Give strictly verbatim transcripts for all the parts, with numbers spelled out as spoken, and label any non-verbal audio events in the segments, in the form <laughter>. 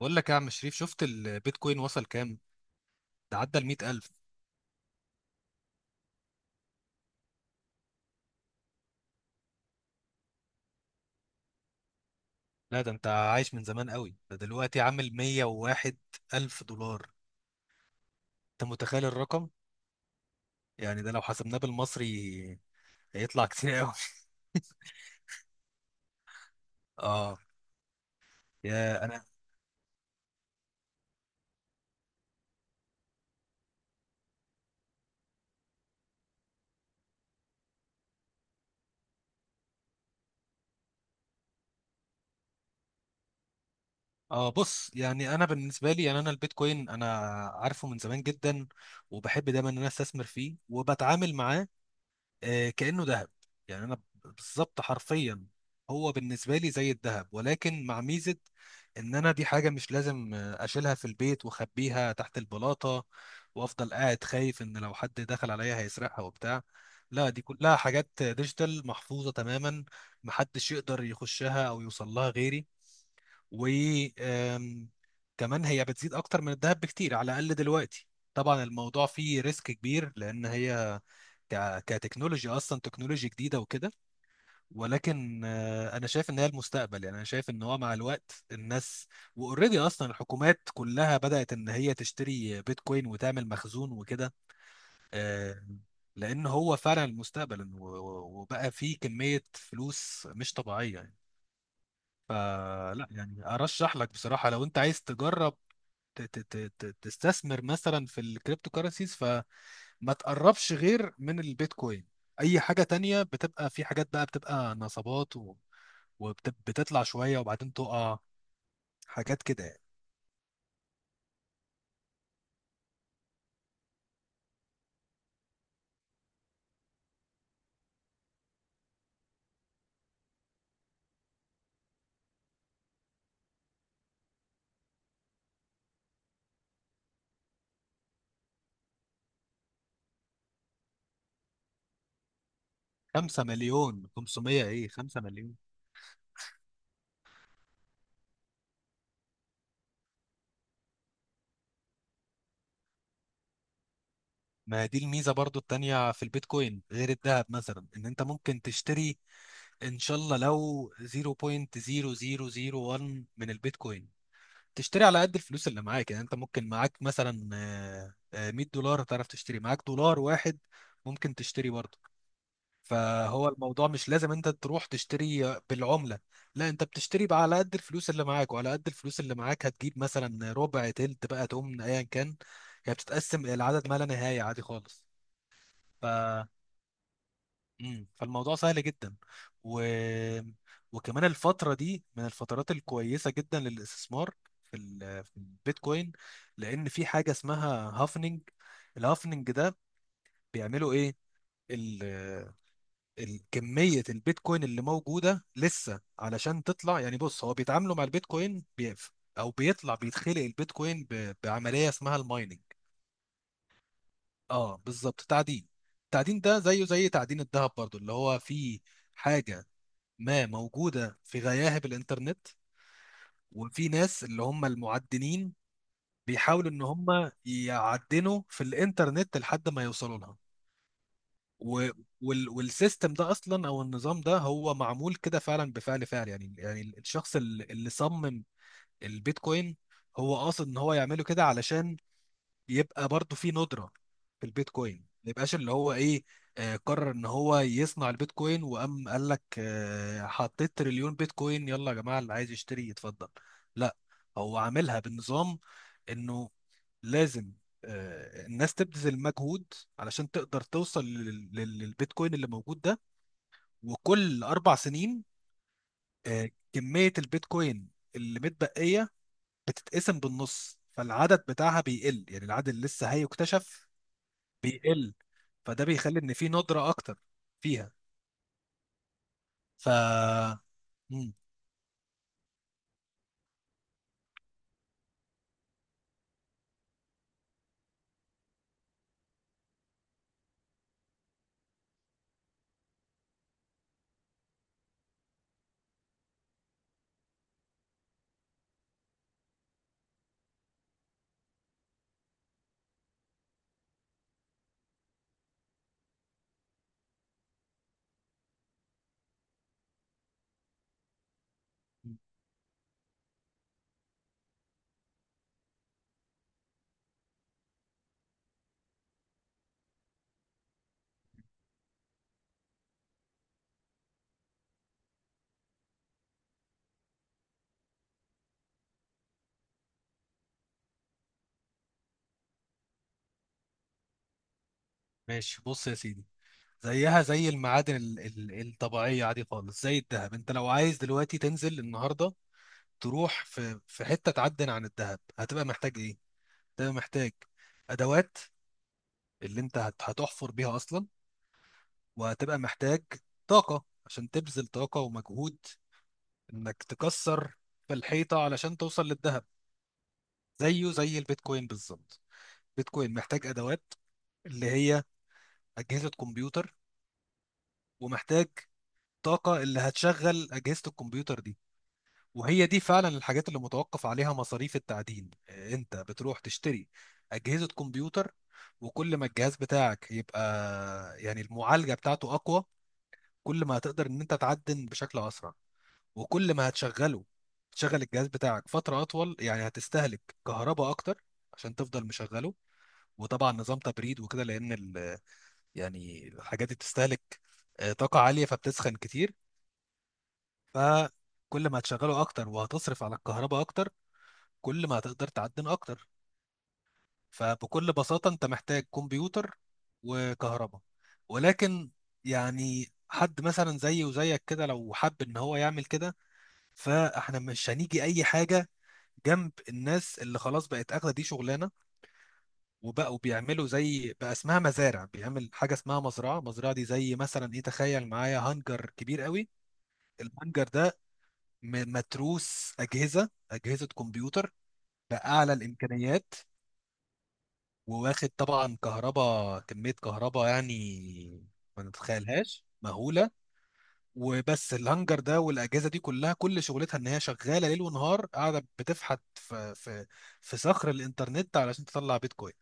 بقول لك يا عم شريف، شفت البيتكوين وصل كام؟ ده عدى ال مية ألف. لا ده انت عايش من زمان قوي، ده دلوقتي عامل مية وألف ألف دولار. انت متخيل الرقم؟ يعني ده لو حسبناه بالمصري هيطلع كتير قوي. <laughs> اه. يا انا. اه، بص يعني انا بالنسبه لي، يعني انا البيتكوين انا عارفه من زمان جدا، وبحب دايما ان انا استثمر فيه وبتعامل معاه. آه، كأنه ذهب. يعني انا بالظبط حرفيا هو بالنسبه لي زي الذهب، ولكن مع ميزه ان انا دي حاجه مش لازم آه، اشيلها في البيت واخبيها تحت البلاطه، وافضل قاعد خايف ان لو حد دخل عليا هيسرقها وبتاع. لا دي كلها حاجات ديجيتال محفوظه تماما، محدش يقدر يخشها او يوصل لها غيري. و آم، كمان هي بتزيد اكتر من الذهب بكتير، على الاقل دلوقتي. طبعا الموضوع فيه ريسك كبير لان هي ك- كتكنولوجيا اصلا تكنولوجيا جديده وكده، ولكن آه، انا شايف ان هي المستقبل. يعني انا شايف ان هو مع الوقت الناس، واوريدي اصلا الحكومات كلها بدات ان هي تشتري بيتكوين وتعمل مخزون وكده. آه، لان هو فعلا المستقبل و- و- وبقى فيه كميه فلوس مش طبيعيه. فلا يعني ارشح لك بصراحه لو انت عايز تجرب ت- ت- ت- ت- تستثمر مثلا في الكريبتو كارنسيز، فما تقربش غير من البيتكوين. اي حاجه تانية بتبقى، في حاجات بقى بتبقى نصبات، و- وبتطلع شويه وبعدين تقع، حاجات كده يعني. خمسة مليون خمسمية، ايه خمسة مليون. ما دي الميزه برضو التانية في البيتكوين غير الذهب مثلا، ان انت ممكن تشتري ان شاء الله لو صفر فاصلة صفر صفر صفر واحد من البيتكوين. تشتري على قد الفلوس اللي معاك، يعني انت ممكن معاك مثلا آه، آه، مية دولار تعرف تشتري، معاك دولار واحد ممكن تشتري برضه. فهو الموضوع مش لازم انت تروح تشتري بالعملة، لا انت بتشتري بقى على قد الفلوس اللي معاك، وعلى قد الفلوس اللي معاك هتجيب مثلا ربع تلت بقى، تقوم ايا كان. هي بتتقسم العدد ما لا نهاية عادي خالص. ف مم. فالموضوع سهل جدا. و... وكمان الفترة دي من الفترات الكويسة جدا للاستثمار في ال... في البيتكوين، لأن في حاجة اسمها هافنج. الهافنج ده بيعملوا إيه؟ ال... ال- كمية البيتكوين اللي موجودة لسه علشان تطلع، يعني بص هو بيتعاملوا مع البيتكوين بي... أو بيطلع بيتخلق البيتكوين ب... بعملية اسمها المايننج. اه بالظبط تعدين. التعدين ده زيه زي تعدين الذهب برضو، اللي هو فيه حاجة ما موجودة في غياهب الإنترنت، وفي ناس اللي هم المعدنين بيحاولوا إن هم يعدنوا في الإنترنت لحد ما يوصلوا لها. و... وال... والسيستم ده أصلا أو النظام ده هو معمول كده فعلا بفعل فعل، يعني يعني الشخص اللي اللي صمم البيتكوين هو قاصد إن هو يعمله كده علشان يبقى برضو في ندرة في البيتكوين، ما يبقاش اللي هو ايه، آه، قرر ان هو يصنع البيتكوين وقام قال لك آه، حطيت تريليون بيتكوين يلا يا جماعة اللي عايز يشتري يتفضل. لا، هو عاملها بالنظام انه لازم آه، الناس تبذل مجهود علشان تقدر توصل لل- لل- للبيتكوين اللي موجود ده. وكل اربع سنين آه، كمية البيتكوين اللي متبقية بتتقسم بالنص، فالعدد بتاعها بيقل، يعني العدد اللي لسه هيكتشف بيقل. فده بيخلي ان في ندرة اكتر فيها. ف مم. ماشي بص يا سيدي، زيها زي المعادن ال... ال... الطبيعية عادي خالص. زي الذهب، انت لو عايز دلوقتي تنزل النهاردة تروح في في حتة تعدن عن الذهب هتبقى محتاج ايه؟ هتبقى محتاج ادوات اللي انت هت... هتحفر بيها اصلا، وهتبقى محتاج طاقة عشان تبذل طاقة ومجهود انك تكسر في الحيطة علشان توصل للذهب. زيه زي البيتكوين بالظبط، بيتكوين محتاج ادوات اللي هي اجهزه كمبيوتر، ومحتاج طاقه اللي هتشغل اجهزه الكمبيوتر دي. وهي دي فعلا الحاجات اللي متوقف عليها مصاريف التعدين. آه، انت بتروح تشتري اجهزه كمبيوتر، وكل ما الجهاز بتاعك يبقى يعني المعالجه بتاعته اقوى، كل ما هتقدر ان انت تعدن بشكل اسرع. وكل ما هتشغله، تشغل الجهاز بتاعك فتره اطول، يعني هتستهلك كهرباء اكتر عشان تفضل مشغله، وطبعا نظام تبريد وكده، لان ال- يعني الحاجات دي بتستهلك آه، طاقة عالية فبتسخن كتير. فكل ما هتشغله أكتر وهتصرف على الكهرباء أكتر، كل ما هتقدر تعدن أكتر. فبكل بساطة أنت محتاج كمبيوتر وكهرباء. ولكن يعني حد مثلا زيي وزيك كده لو حب إن هو يعمل كده، فإحنا مش هنيجي أي حاجة جنب الناس اللي خلاص بقت اخده دي شغلانه، وبقوا بيعملوا زي بقى اسمها مزارع، بيعمل حاجه اسمها مزرعه. مزرعه دي زي مثلا ايه، تخيل معايا هانجر كبير قوي. الهانجر ده م- متروس اجهزه اجهزه كمبيوتر باعلى الامكانيات، وواخد طبعا كهرباء، كميه كهرباء يعني ما نتخيلهاش، مهوله. وبس الهانجر ده والاجهزه دي كلها كل شغلتها ان هي شغاله ليل ونهار، قاعده بتفحت في في في صخر الانترنت علشان تطلع بيتكوين.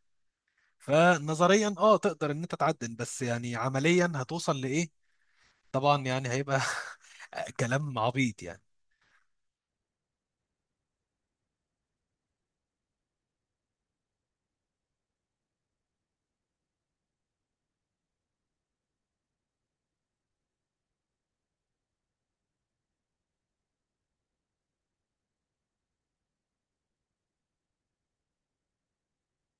فنظريا اه تقدر ان انت تعدل، بس يعني عمليا هتوصل لايه؟ طبعا يعني هيبقى <laughs> كلام عبيط يعني.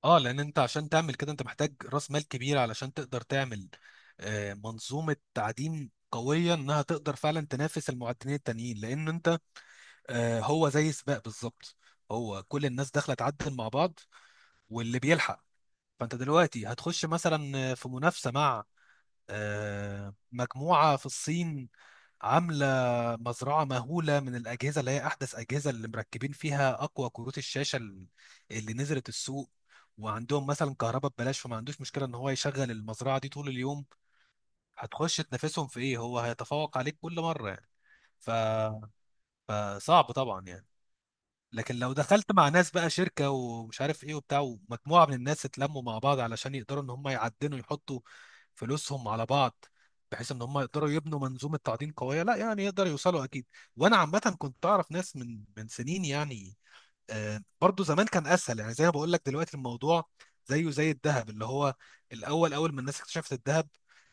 اه لان انت عشان تعمل كده انت محتاج راس مال كبير علشان تقدر تعمل آه، منظومه تعدين قويه انها تقدر فعلا تنافس المعدنين التانيين، لان انت، آه، هو زي سباق بالظبط، هو كل الناس داخله تعدل مع بعض واللي بيلحق. فانت دلوقتي هتخش مثلا في منافسه مع آه، مجموعة في الصين عاملة مزرعة مهولة من الأجهزة اللي هي أحدث أجهزة، اللي مركبين فيها أقوى كروت الشاشة ال- اللي نزلت السوق، وعندهم مثلا كهرباء ببلاش فما عندوش مشكلة إن هو يشغل المزرعة دي طول اليوم. هتخش تنافسهم في إيه، هو هيتفوق عليك كل مرة يعني. ف... فصعب طبعا يعني. لكن لو دخلت مع ناس بقى شركة ومش عارف ايه وبتاع، ومجموعة من الناس اتلموا مع بعض علشان يقدروا ان هم يعدنوا، يحطوا فلوسهم على بعض بحيث ان هم يقدروا يبنوا منظومة تعدين قوية، لا يعني يقدروا يوصلوا اكيد. وانا عامة كنت اعرف ناس من من سنين يعني، آه برضو زمان كان اسهل. يعني زي ما بقول لك دلوقتي الموضوع زيه زي الذهب، اللي هو الاول، اول ما الناس اكتشفت الذهب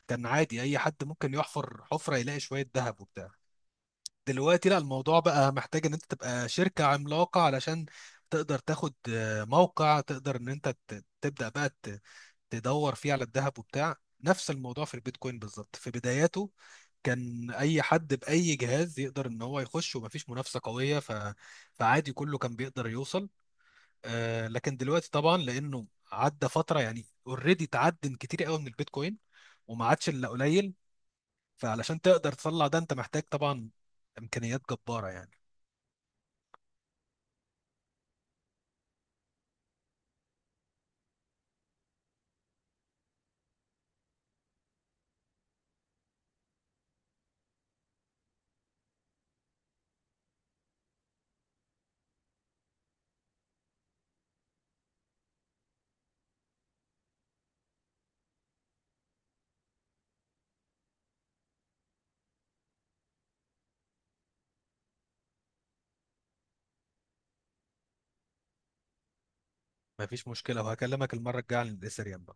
كان عادي اي حد ممكن يحفر حفرة يلاقي شوية ذهب وبتاع. دلوقتي لا، الموضوع بقى محتاج ان انت تبقى شركة عملاقة علشان تقدر تاخد آه، موقع تقدر ان انت ت- تبدأ بقى ت- تدور فيه على الذهب وبتاع. نفس الموضوع في البيتكوين بالظبط، في بداياته كان اي حد باي جهاز يقدر ان هو يخش ومفيش منافسة قوية، ف... فعادي كله كان بيقدر يوصل. آه، لكن دلوقتي طبعا لانه عدى فترة يعني، اوريدي اتعدم كتير قوي من البيتكوين وما عادش الا قليل. فعلشان تقدر تطلع ده انت محتاج طبعا امكانيات جبارة يعني. مفيش مشكلة، وهكلمك المرة الجاية عن الإثريوم.